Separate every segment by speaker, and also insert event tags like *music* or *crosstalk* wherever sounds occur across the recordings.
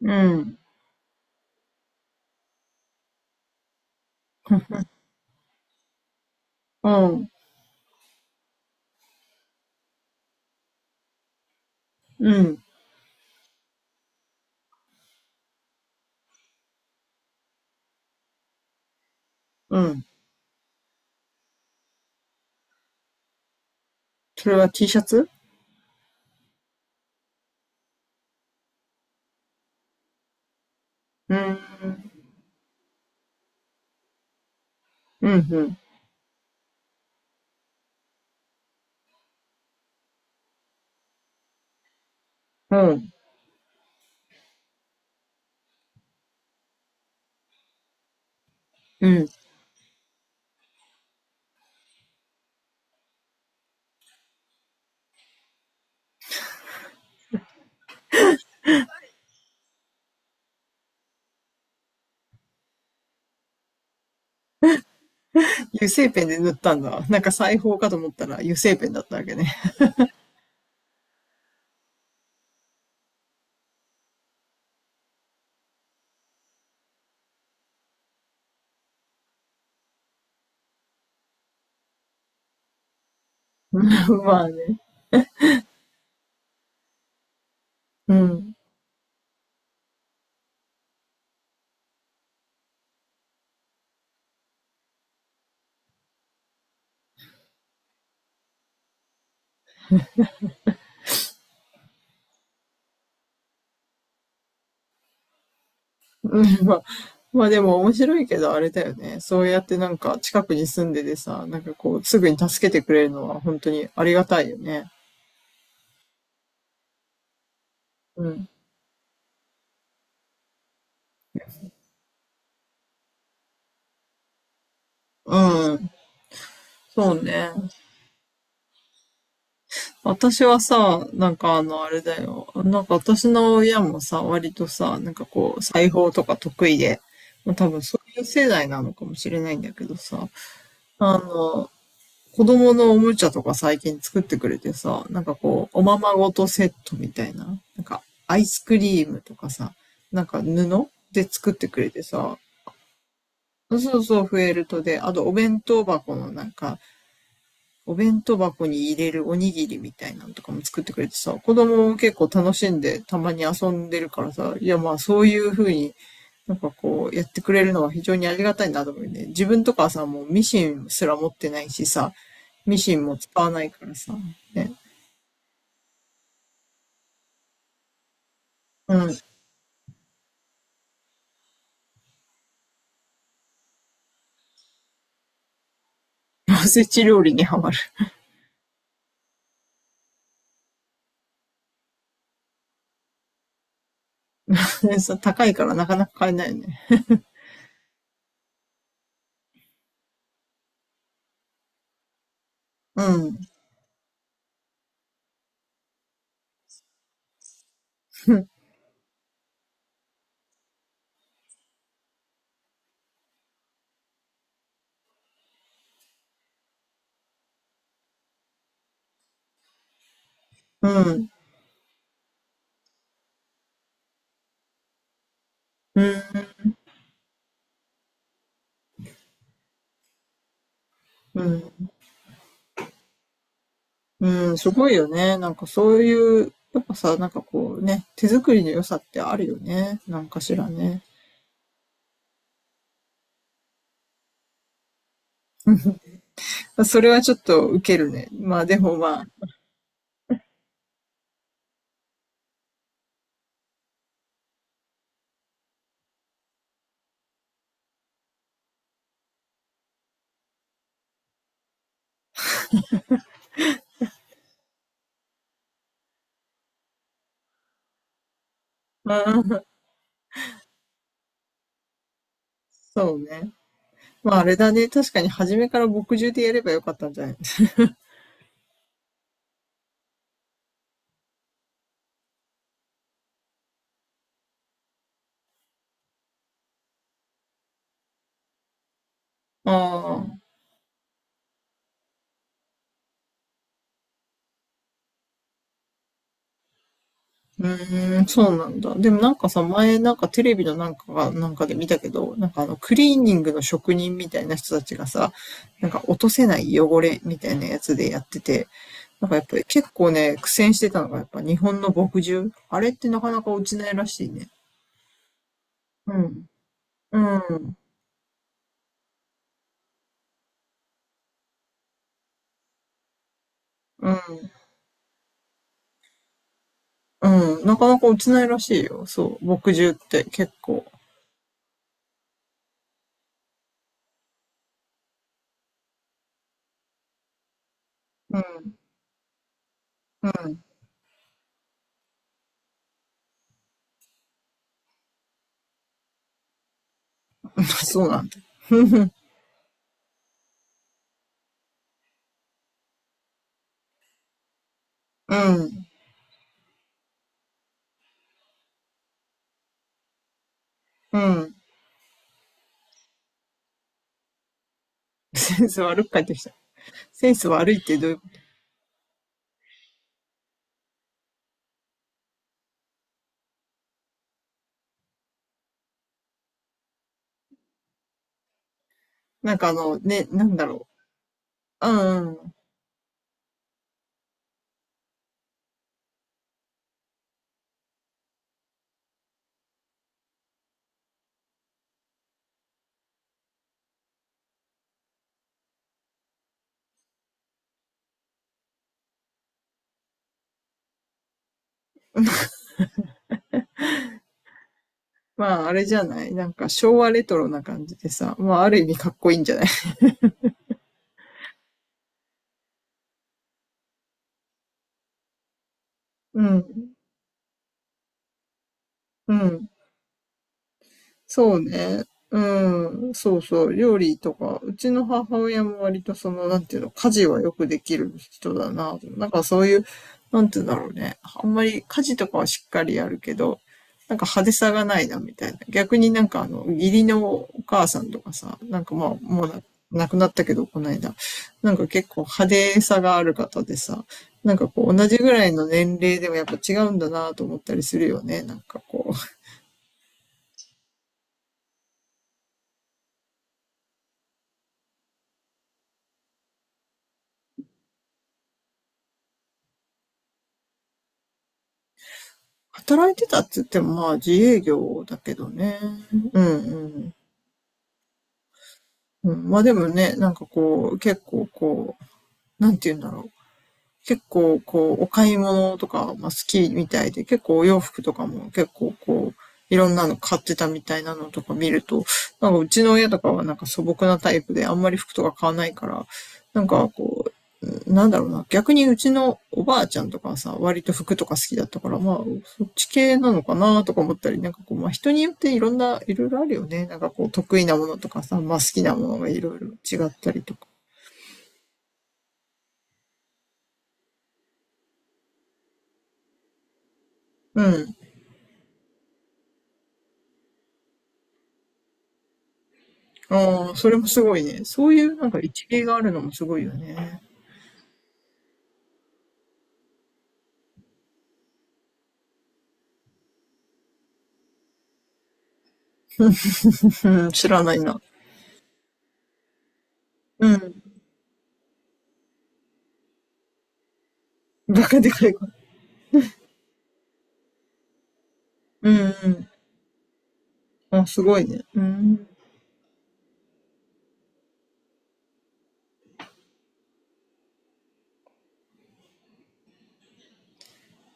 Speaker 1: うん。*laughs* うん。うん。うん。それは T シャツうん。うん。うん。うん。うん。油性ペンで塗ったんだ。なんか裁縫かと思ったら油性ペンだったわけね。*laughs* まあね。うん。うん。まあでも面白いけどあれだよね。そうやってなんか近くに住んでてさ、なんかこうすぐに助けてくれるのは本当にありがたいよね。うん。うん。そうね。私はさ、なんかあの、あれだよ。なんか私の親もさ、割とさ、なんかこう、裁縫とか得意で、まあ、多分そういう世代なのかもしれないんだけどさ、あの、子供のおもちゃとか最近作ってくれてさ、なんかこう、おままごとセットみたいな、なんかアイスクリームとかさ、なんか布で作ってくれてさ、そうそう、フェルトで、あとお弁当箱のなんか、お弁当箱に入れるおにぎりみたいなのとかも作ってくれてさ、子供も結構楽しんでたまに遊んでるからさ、いやまあそういう風になんかこうやってくれるのは非常にありがたいなと思うね。自分とかさ、もうミシンすら持ってないしさ、ミシンも使わないからさ、ね。うん。おせち料理にハマる。*laughs* 高いからなかなか買えないよね。うん。*laughs* うん。うん。うん。うん、すごいよね。なんかそういう、やっぱさ、なんかこうね、手作りの良さってあるよね。なんかしらね。それはちょっとウケるね。まあでもまあ、まあ、そうね。まああれだね。確かに初めから墨汁でやればよかったんじゃないですかああ。うーん、そうなんだ。でもなんかさ、前なんかテレビのなんかが、なんかで見たけど、なんかあのクリーニングの職人みたいな人たちがさ、なんか落とせない汚れみたいなやつでやってて、なんかやっぱり結構ね、苦戦してたのが、やっぱ日本の墨汁。あれってなかなか落ちないらしいね。うん。うん。うん。うん。なかなか落ちないらしいよ。そう。墨汁って結構。うん。うん。*laughs* そうなんだ。*laughs* うん。うん。センス悪く帰ってきた。センス悪いってどういう、なんかあの、ね、なんだろう。うんうん。まあ、あれじゃないなんか昭和レトロな感じでさ、まあ、ある意味かっこいいんじゃない？ *laughs* うん。うん。そうね。うん。そうそう。料理とか、うちの母親も割とその、なんていうの、家事はよくできる人だな。なんかそういう、なんていうんだろうね。あんまり家事とかはしっかりやるけど、なんか派手さがないな、みたいな。逆になんかあの、義理のお母さんとかさ、なんかまあ、もうな、亡くなったけど、この間。なんか結構派手さがある方でさ、なんかこう、同じぐらいの年齢でもやっぱ違うんだなと思ったりするよね。なんかこう。働いてたっつっても、まあ自営業だけどね。うんうん。うん、まあでもね、なんかこう、結構こう、なんて言うんだろう。結構こう、お買い物とか、まあ、好きみたいで、結構お洋服とかも結構こう、いろんなの買ってたみたいなのとか見ると、なんかうちの親とかはなんか素朴なタイプであんまり服とか買わないから、なんかこう、なんだろうな、逆にうちのおばあちゃんとかはさ、割と服とか好きだったから、まあ、そっち系なのかなとか思ったり、なんかこう、まあ人によっていろんな、いろいろあるよね。なんかこう、得意なものとかさ、まあ好きなものがいろいろ違ったりとか。うん。ああ、それもすごいね。そういうなんか一芸があるのもすごいよね。うん、知らないな。うん。バカでかい声。うんうん。あ、すごいね。うん。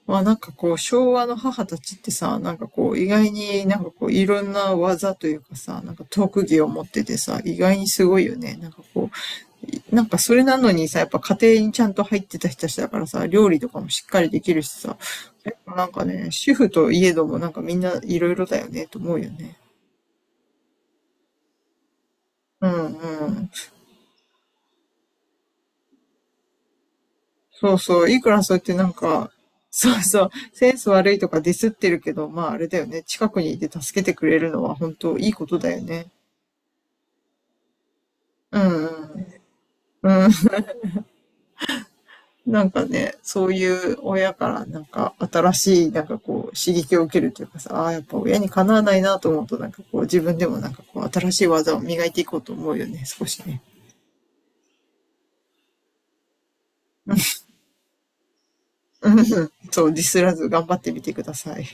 Speaker 1: まあなんかこう、昭和の母たちってさ、なんかこう、意外になんかこう、いろんな技というかさ、なんか特技を持っててさ、意外にすごいよね。なんかこう、なんかそれなのにさ、やっぱ家庭にちゃんと入ってた人たちだからさ、料理とかもしっかりできるしさ、なんかね、主婦といえどもなんかみんないろいろだよね、と思うよね。うんうん。そうそう。いくらそうやってなんか、そうそう。センス悪いとかディスってるけど、まああれだよね。近くにいて助けてくれるのは本当いいことだよね。うんうん。うん。*laughs* なんかね、そういう親からなんか新しいなんかこう刺激を受けるというかさ、ああー、やっぱ親にかなわないなと思うとなんかこう自分でもなんかこう新しい技を磨いていこうと思うよね、少しね。うん。そう、ディスらず頑張ってみてください。